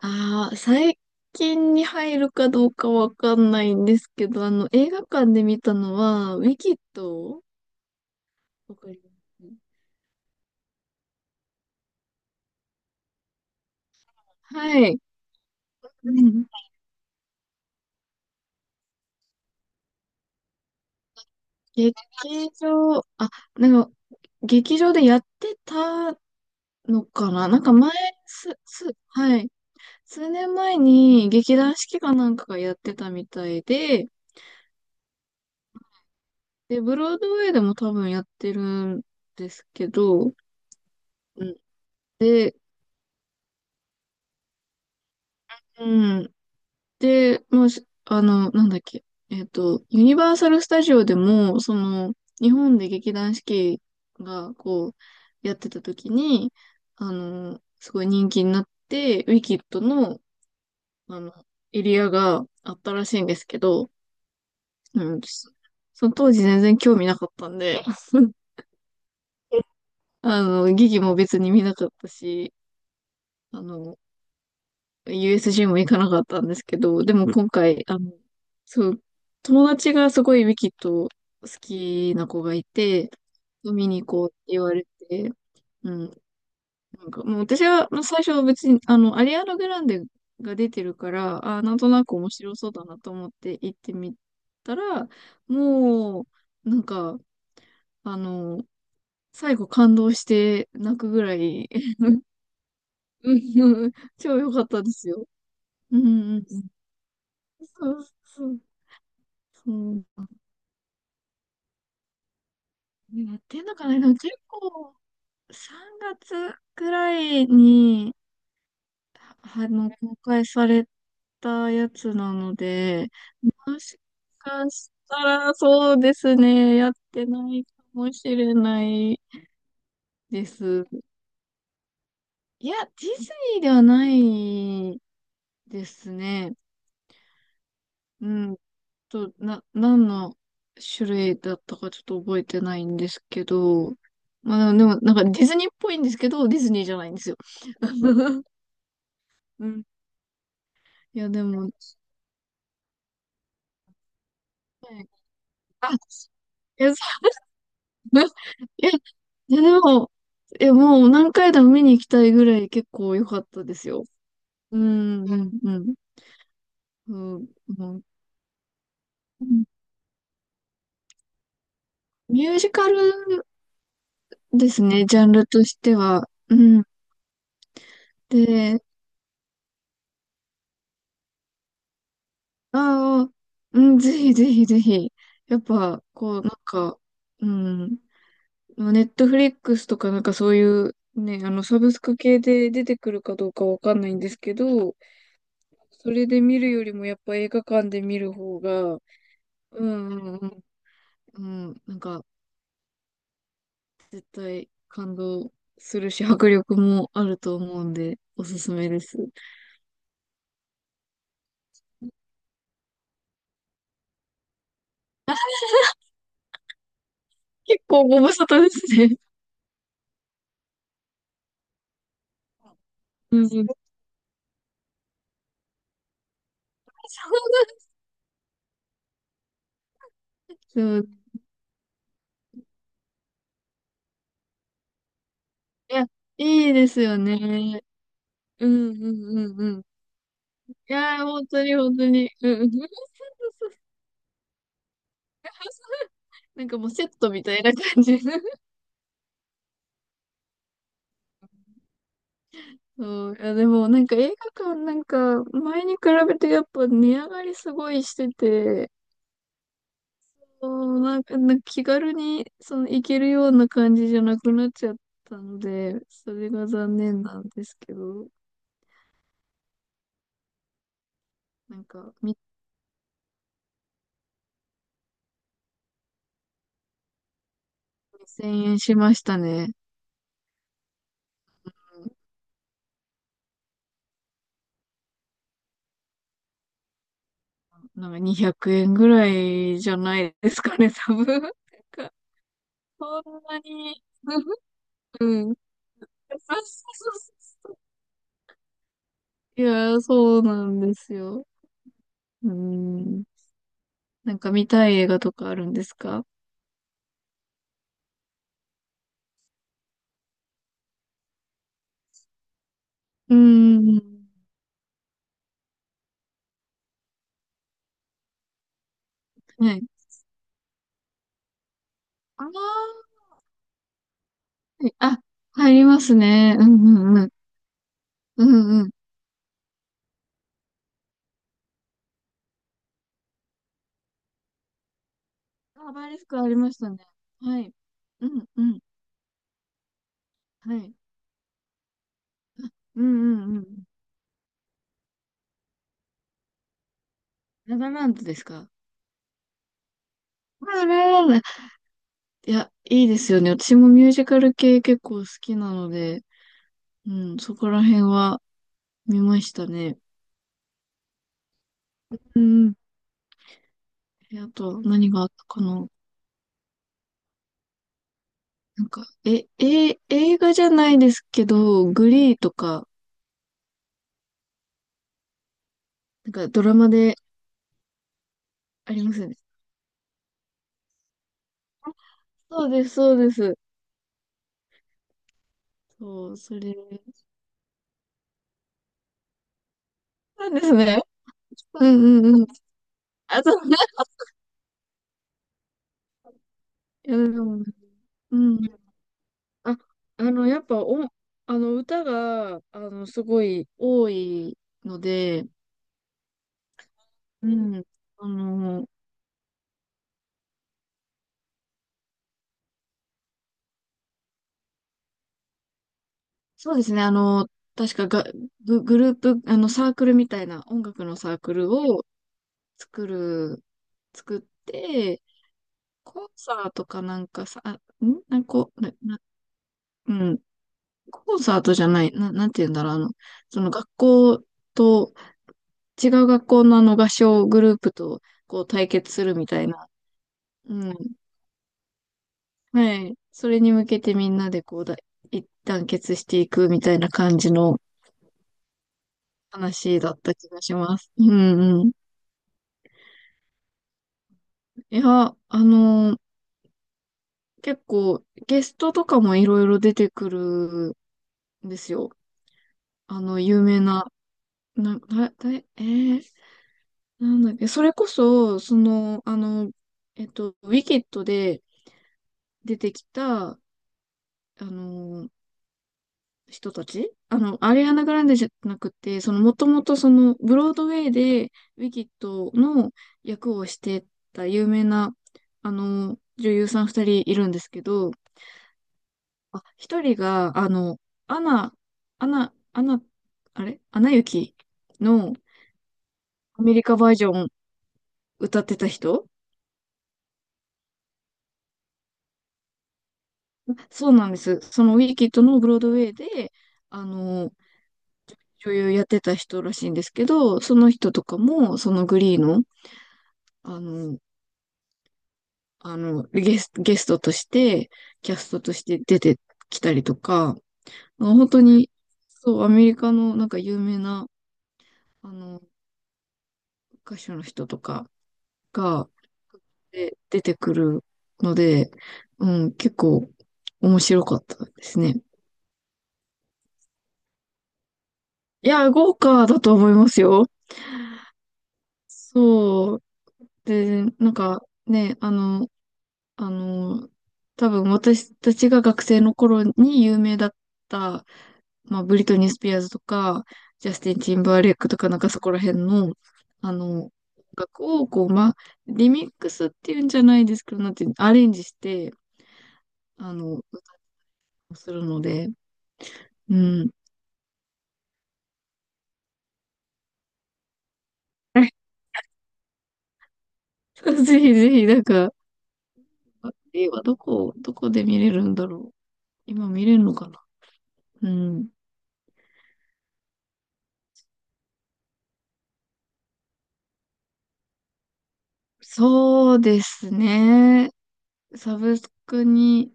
ああ、最近に入るかどうかわかんないんですけど、映画館で見たのは、ウィキッド、わかります。はい。うん。劇場、劇場でやってたのかな。なんか前、はい。数年前に劇団四季かなんかがやってたみたいで、で、ブロードウェイでも多分やってるんですけど、うん。で、うん。で、もうしなんだっけ。ユニバーサル・スタジオでも、日本で劇団四季が、やってた時に、すごい人気になって、ウィキッドの、あの、エリアがあったらしいんですけど、うん、その当時全然興味なかったんで、劇も別に見なかったし、あの、USG も行かなかったんですけど、でも今回、そう、友達がすごいウィキッド好きな子がいて、見に行こうって言われて、うん、なんかもう私はまあ最初は別に、アリアーナ・グランデが出てるから、なんとなく面白そうだなと思って行ってみたら、もう、なんか、あの、最後感動して泣くぐらい、うん、超良かったですよ。うんうんうん。そうそうそう、やってんのかな、でも結構、3月くらいに、はあの、公開されたやつなので、もしかしたらそうですね、やってないかもしれないです。いや、ディズニーではないですね。うん、何の種類だったかちょっと覚えてないんですけど、まあでも、なんかディズニーっぽいんですけど、ディズニーじゃないんですよ。うん。いや、でも、はい、あ、いや、そう、いや、いやでも、いや、もう何回でも見に行きたいぐらい結構良かったですよ。うん、うん、うん。うん、うん、ミュージカルですね、ジャンルとしては。うん。で、ああ、うん、ぜひぜひぜひ。やっぱ、なんか、うん、ネットフリックスとかなんかそういう、ね、サブスク系で出てくるかどうかわかんないんですけど、それで見るよりもやっぱ映画館で見る方が、うんうんうん、うん、なんか絶対感動するし、迫力もあると思うんで、おすすめです。結構ご無沙汰ですね。うんうそう、いや、いいですよね。うんうんうんうん。いやー、本当に本当に。うんうん。なんかもうセットみたいな感じ。そう。いや、でもなんか映画館、なんか前に比べてやっぱ値上がりすごいしてて、そう、なんか、なんか気軽にその行けるような感じじゃなくなっちゃったので、それが残念なんですけど、なんかみ2000円しましたね。うん、なんか200円ぐらいじゃないですかね、多分。なんかそんなに。うん。いやー、そうなんですよ。うん。なんか見たい映画とかあるんですか？うん。はい。ああ、入りますね。うんうんうん。うんうん。あ、バリフクありましたね。はい。うんうん。はい。うんうんうん。ララランドですか？ララランド。いや、いいですよね。私もミュージカル系結構好きなので、うん、そこら辺は見ましたね。うん、あと、何があったかな。なんか、映画じゃないですけど、グリーとか、なんかドラマでありますよね。そうです、そうです。そう、それ。なんですね。うんうんうん。あ、そう。いや、でも、うん。あ、やっぱ、歌が、すごい多いので、うん。あの、そうですね。確かが、グループ、サークルみたいな、音楽のサークルを作る作って、コンサートかなんかさ、なんかこう、うん、コンサートじゃない、なんて言うんだろう、その学校と、違う学校のあの合唱グループと、こう対決するみたいな。うん。はい。それに向けてみんなでこうだ、一団結していくみたいな感じの話だった気がします。うんうん。いや、あのー結構ゲストとかもいろいろ出てくるんですよ。有名な、な、だ、だ、えー、なんだっけ、それこそ、ウィキッドで出てきた、の、人たち、アリアナ・グランデじゃなくて、その、もともとその、ブロードウェイでウィキッドの役をしてた有名な、女優さん二人いるんですけど、あ、一人が、アナ、アナ、あれアナ雪のアメリカバージョン歌ってた人。そうなんです。そのウィキッドのブロードウェイで、あの、女優やってた人らしいんですけど、その人とかも、そのグリーの、あの、ゲストとして、キャストとして出てきたりとか、まあ本当に、そう、アメリカのなんか有名な、あの、歌手の人とかが、出てくるので、うん、結構面白かったですね。いや、豪華だと思いますよ。そう。で、なんかね、あの、多分私たちが学生の頃に有名だった、まあ、ブリトニー・スピアーズとか、ジャスティン・ティンバーレイクとか、なんかそこら辺の、音楽を、こう、まあ、リミックスっていうんじゃないですけど、なんていうの、アレンジして、歌をするので、うん。ぜひぜひ、なんか、映画どこ、どこで見れるんだろう。今見れるのかな。うん。そうですね。サブスクに、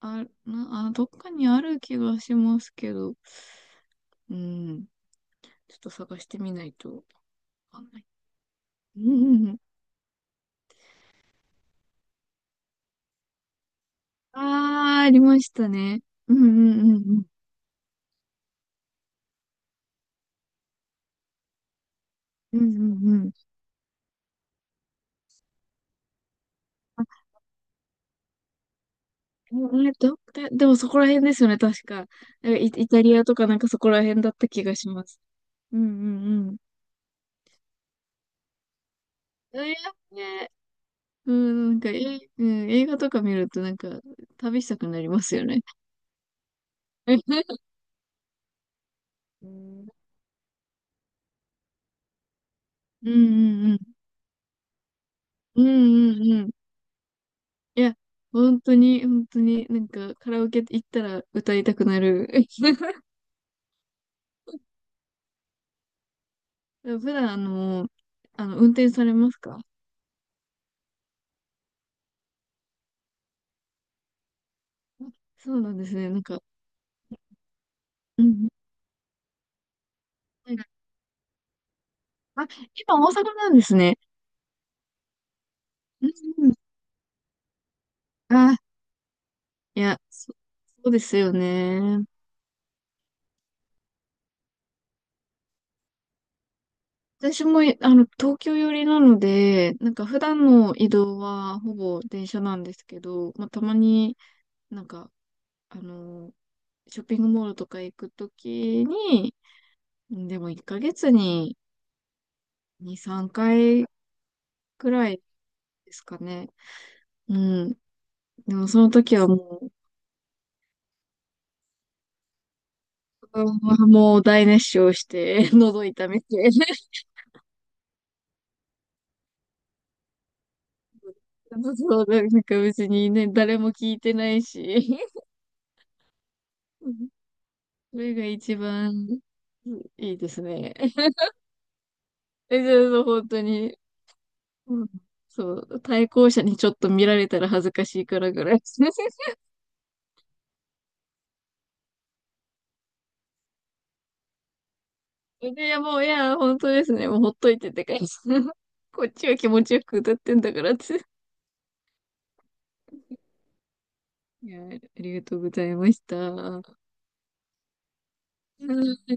あ、どっかにある気がしますけど、うん、ちょっと探してみないとわかんない。うんうんうん。ああ、ありましたね。うんうんうんうん。うんうんうん。あ、えど、だ、でもそこら辺ですよね、確か。イタリアとかなんかそこら辺だった気がします。うんうんうん。えー、ね。うん、なんか、うん、映画とか見るとなんか、旅したくなりますよね。うんうんうんうんうんうん。いや、本当に、本当に、なんか、カラオケ行ったら歌いたくなる。普段、運転されますか？そうなんですね。なんか、うん。なんか、あ、今大阪なんですね。うんうん。あ、いや、そ、そうですよね。私も、東京寄りなので、なんか普段の移動はほぼ電車なんですけど、まあ、たまになんか、あの、ショッピングモールとか行くときに、でも1ヶ月に2、3回くらいですかね。うん。でもその時はもう、うん、もう大熱唱して、喉痛めて。そう、なんか別にね、誰も聞いてないし。それが一番いいですね。え、じゃあ、本当に、うん、そう、対向車にちょっと見られたら恥ずかしいからぐらい。いや、もう、いや、本当ですね。もうほっといてって感じ。こっちは気持ちよく歌ってんだからって。いや、ありがとうございました。うん